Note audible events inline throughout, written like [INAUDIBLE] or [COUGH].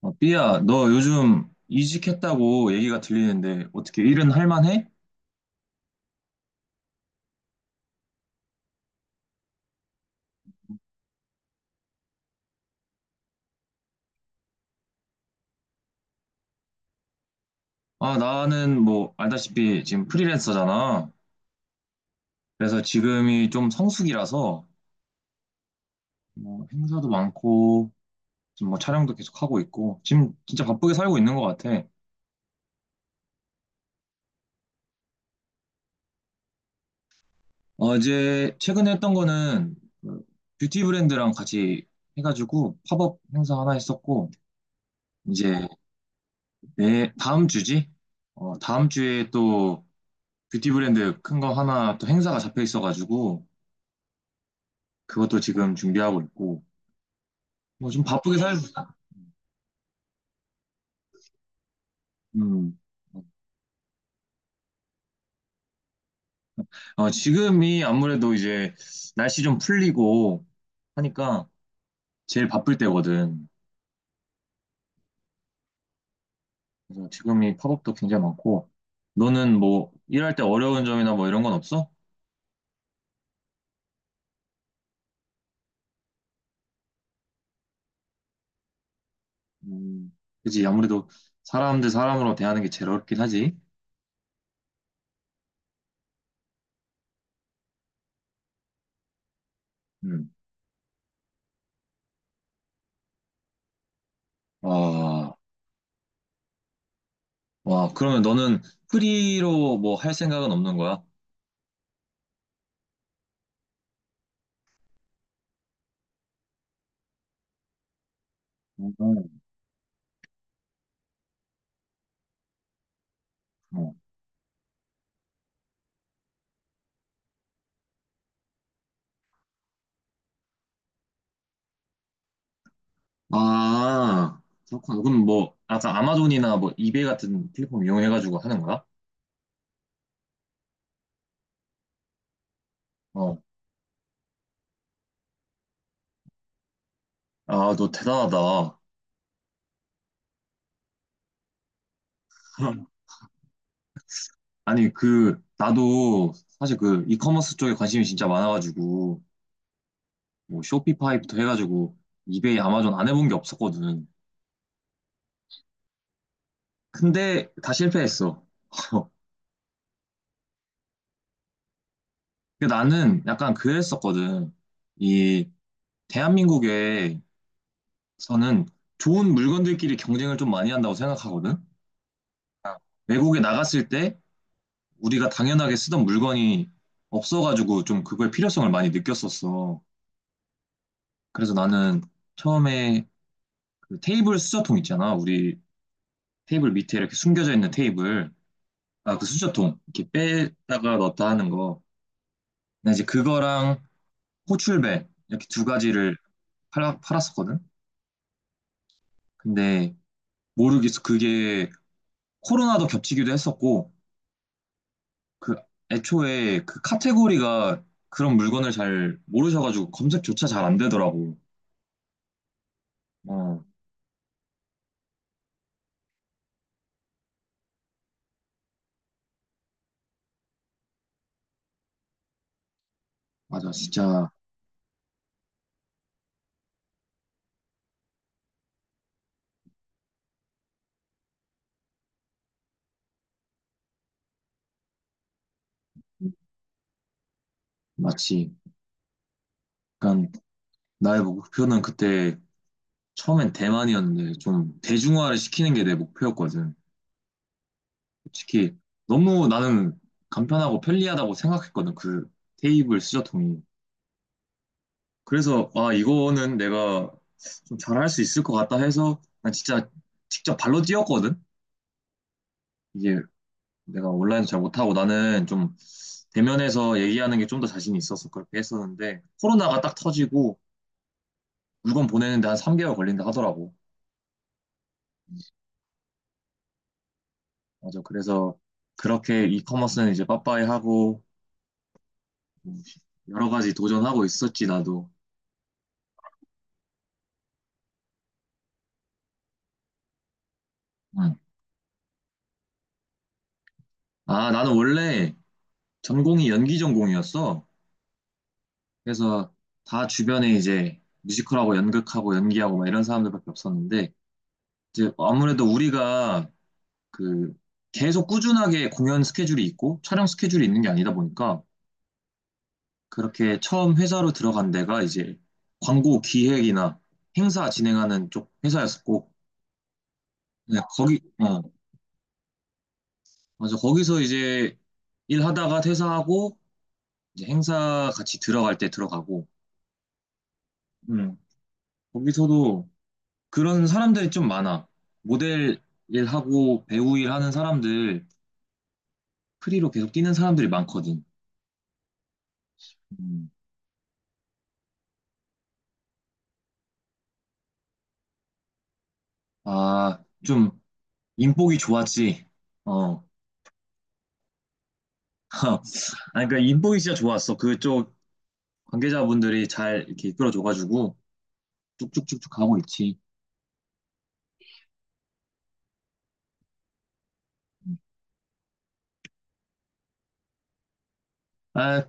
어, 삐야, 너 요즘 이직했다고 얘기가 들리는데 어떻게 일은 할 만해? 아, 나는 뭐 알다시피 지금 프리랜서잖아. 그래서 지금이 좀 성수기라서 뭐 행사도 많고 지금 뭐 촬영도 계속 하고 있고 지금 진짜 바쁘게 살고 있는 것 같아. 어제 최근에 했던 거는 그 뷰티 브랜드랑 같이 해가지고 팝업 행사 하나 했었고 이제 내 다음 주지? 어, 다음 주에 또 뷰티 브랜드 큰 거 하나 또 행사가 잡혀 있어가지고 그것도 지금 준비하고 있고 뭐 좀 바쁘게 살 네. 음. 어, 지금이 아무래도 이제 날씨 좀 풀리고 하니까 제일 바쁠 때거든. 그래서 지금이 팝업도 굉장히 많고 너는 뭐 일할 때 어려운 점이나 뭐 이런 건 없어? 음. 그지 아무래도 사람으로 대하는 게 제일 어렵긴 하지. 음. 와, 와, 그러면 너는 프리로 뭐 할 생각은 없는 거야? 음. 아, 그렇구나. 그럼 뭐, 아까 아마존이나 뭐, 이베이 같은 플랫폼 이용해가지고 하는 거야? 어. 아, 너 대단하다. [LAUGHS] 아니, 그, 나도 사실 그, 이커머스 쪽에 관심이 진짜 많아가지고, 뭐, 쇼피파이부터 해가지고, 이베이, 아마존 안 해본 게 없었거든. 근데 다 실패했어. [LAUGHS] 근데 나는 약간 그랬었거든. 이, 대한민국에서는 좋은 물건들끼리 경쟁을 좀 많이 한다고 생각하거든? 외국에 나갔을 때, 우리가 당연하게 쓰던 물건이 없어가지고 좀 그거의 필요성을 많이 느꼈었어. 그래서 나는 처음에 그 테이블 수저통 있잖아. 우리 테이블 밑에 이렇게 숨겨져 있는 테이블. 아, 그 수저통. 이렇게 빼다가 넣었다 하는 거. 나 이제 그거랑 호출벨 이렇게 두 가지를 팔았었거든. 근데 모르겠어. 그게 코로나도 겹치기도 했었고, 그 애초에 그 카테고리가 그런 물건을 잘 모르셔가지고 검색조차 잘 안 되더라고. 어. 맞아, 진짜 마치 약간 나의 목표는 그때 처음엔 대만이었는데 좀 대중화를 시키는 게 내 목표였거든. 솔직히 너무 나는 간편하고 편리하다고 생각했거든. 그 테이블 수저통이. 그래서 아 이거는 내가 좀 잘할 수 있을 것 같다 해서 난 진짜 직접 발로 뛰었거든. 이게 내가 온라인 잘 못하고 나는 좀 대면에서 얘기하는 게 좀 더 자신이 있어서 그렇게 했었는데 코로나가 딱 터지고 물건 보내는데 한 3개월 걸린다 하더라고. 맞아. 그래서 그렇게 이커머스는 이제 빠빠이 하고 뭐 여러 가지 도전하고 있었지 나도. 응. 아 나는 원래 전공이 연기 전공이었어. 그래서 다 주변에 이제 뮤지컬하고 연극하고 연기하고 막 이런 사람들밖에 없었는데 이제 아무래도 우리가 그 계속 꾸준하게 공연 스케줄이 있고 촬영 스케줄이 있는 게 아니다 보니까 그렇게 처음 회사로 들어간 데가 이제 광고 기획이나 행사 진행하는 쪽 회사였었고 네, 거기, 어, 맞아. 거기서 이제 일하다가 퇴사하고 이제 행사 같이 들어갈 때 들어가고. 음. 거기서도 그런 사람들이 좀 많아. 모델 일하고 배우 일하는 사람들, 프리로 계속 뛰는 사람들이 많거든. 음. 아, 좀 인복이 좋았지. 어. [LAUGHS] 아니 그러니까 인복이 진짜 좋았어. 그쪽 관계자분들이 잘 이렇게 이끌어줘가지고 쭉쭉쭉쭉 가고 있지. 아,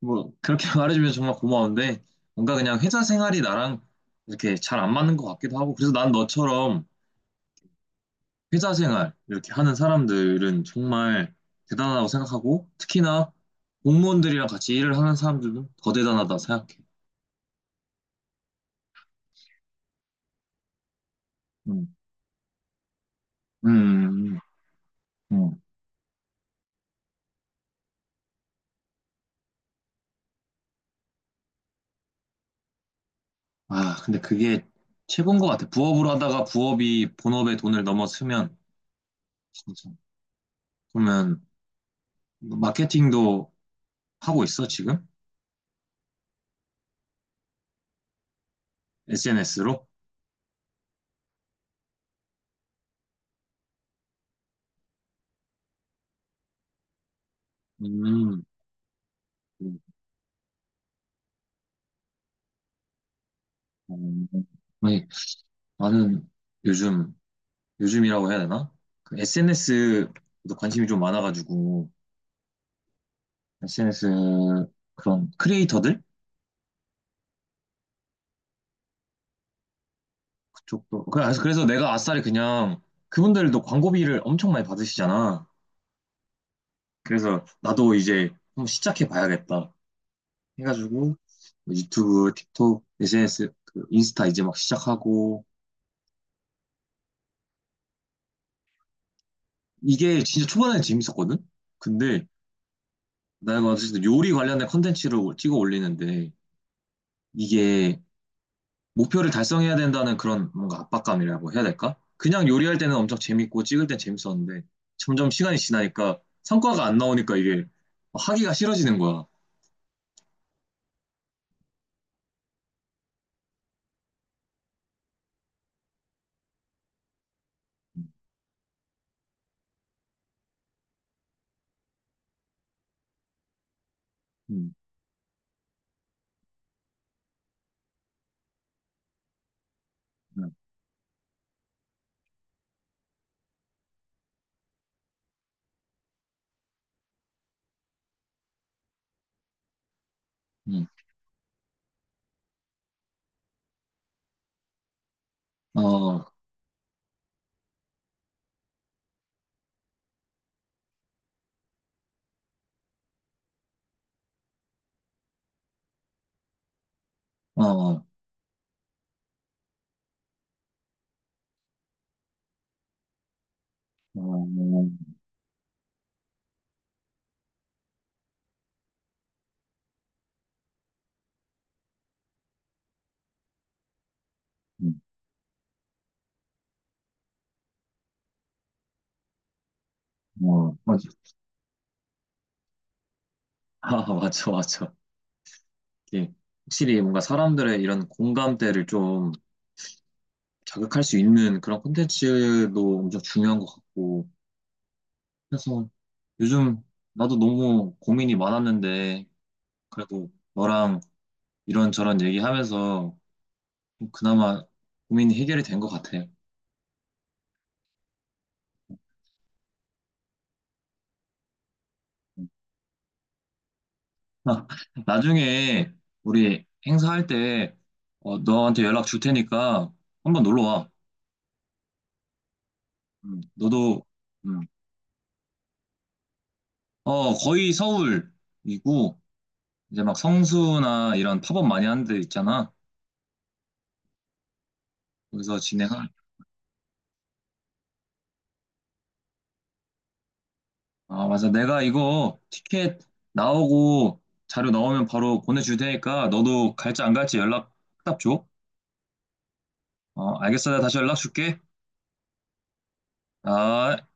뭐 그렇게 [LAUGHS] 말해주면 정말 고마운데 뭔가 그냥 회사 생활이 나랑 이렇게 잘 안 맞는 것 같기도 하고 그래서 난 너처럼 회사 생활 이렇게 하는 사람들은 정말 대단하다고 생각하고 특히나 공무원들이랑 같이 일을 하는 사람들은 더 대단하다 생각해. 음, 음, 음. 음. 음. 아, 근데 그게 최고인 것 같아. 부업으로 하다가 부업이 본업에 돈을 넘어서면 진짜. 그러면 마케팅도 하고 있어 지금? SNS로? 음. 어, 아니, 나는 요즘, 요즘이라고 해야 되나? 그 SNS도 관심이 좀 많아가지고, SNS 그런 크리에이터들? 그쪽도. 그래서 내가 아싸리 그냥 그분들도 광고비를 엄청 많이 받으시잖아. 그래서 나도 이제 한번 시작해 봐야겠다. 해가지고 뭐 유튜브, 틱톡, SNS, 그 인스타 이제 막 시작하고, 이게 진짜 초반에 재밌었거든? 근데 내가 어쨌든 요리 관련된 컨텐츠를 찍어 올리는데, 이게 목표를 달성해야 된다는 그런 뭔가 압박감이라고 해야 될까? 그냥 요리할 때는 엄청 재밌고 찍을 땐 재밌었는데 점점 시간이 지나니까 성과가 안 나오니까 이게 하기가 싫어지는 거야. 음, 음, 음. 어, 어, 어, 음, 어, 맞아. 아, 맞아, 맞아. 이게 확실히 뭔가 사람들의 이런 공감대를 좀 자극할 수 있는 그런 콘텐츠도 엄청 중요한 것 같고. 그래서 요즘 나도 너무 고민이 많았는데 그래도 너랑 이런저런 얘기하면서 그나마 고민이 해결이 된 것 같아요. [LAUGHS] 아, 나중에 우리 행사할 때 어, 너한테 연락 줄 테니까 한번 놀러 와. 너도 음, 어, 거의 서울이고 이제 막 성수나 이런 팝업 많이 하는 데 있잖아. 거기서 진행할. 아, 맞아. 내가 이거 티켓 나오고 자료 나오면 바로 보내줄 테니까 너도 갈지 안 갈지 연락 딱 줘. 어, 알겠어. 내가 다시 연락 줄게. 아.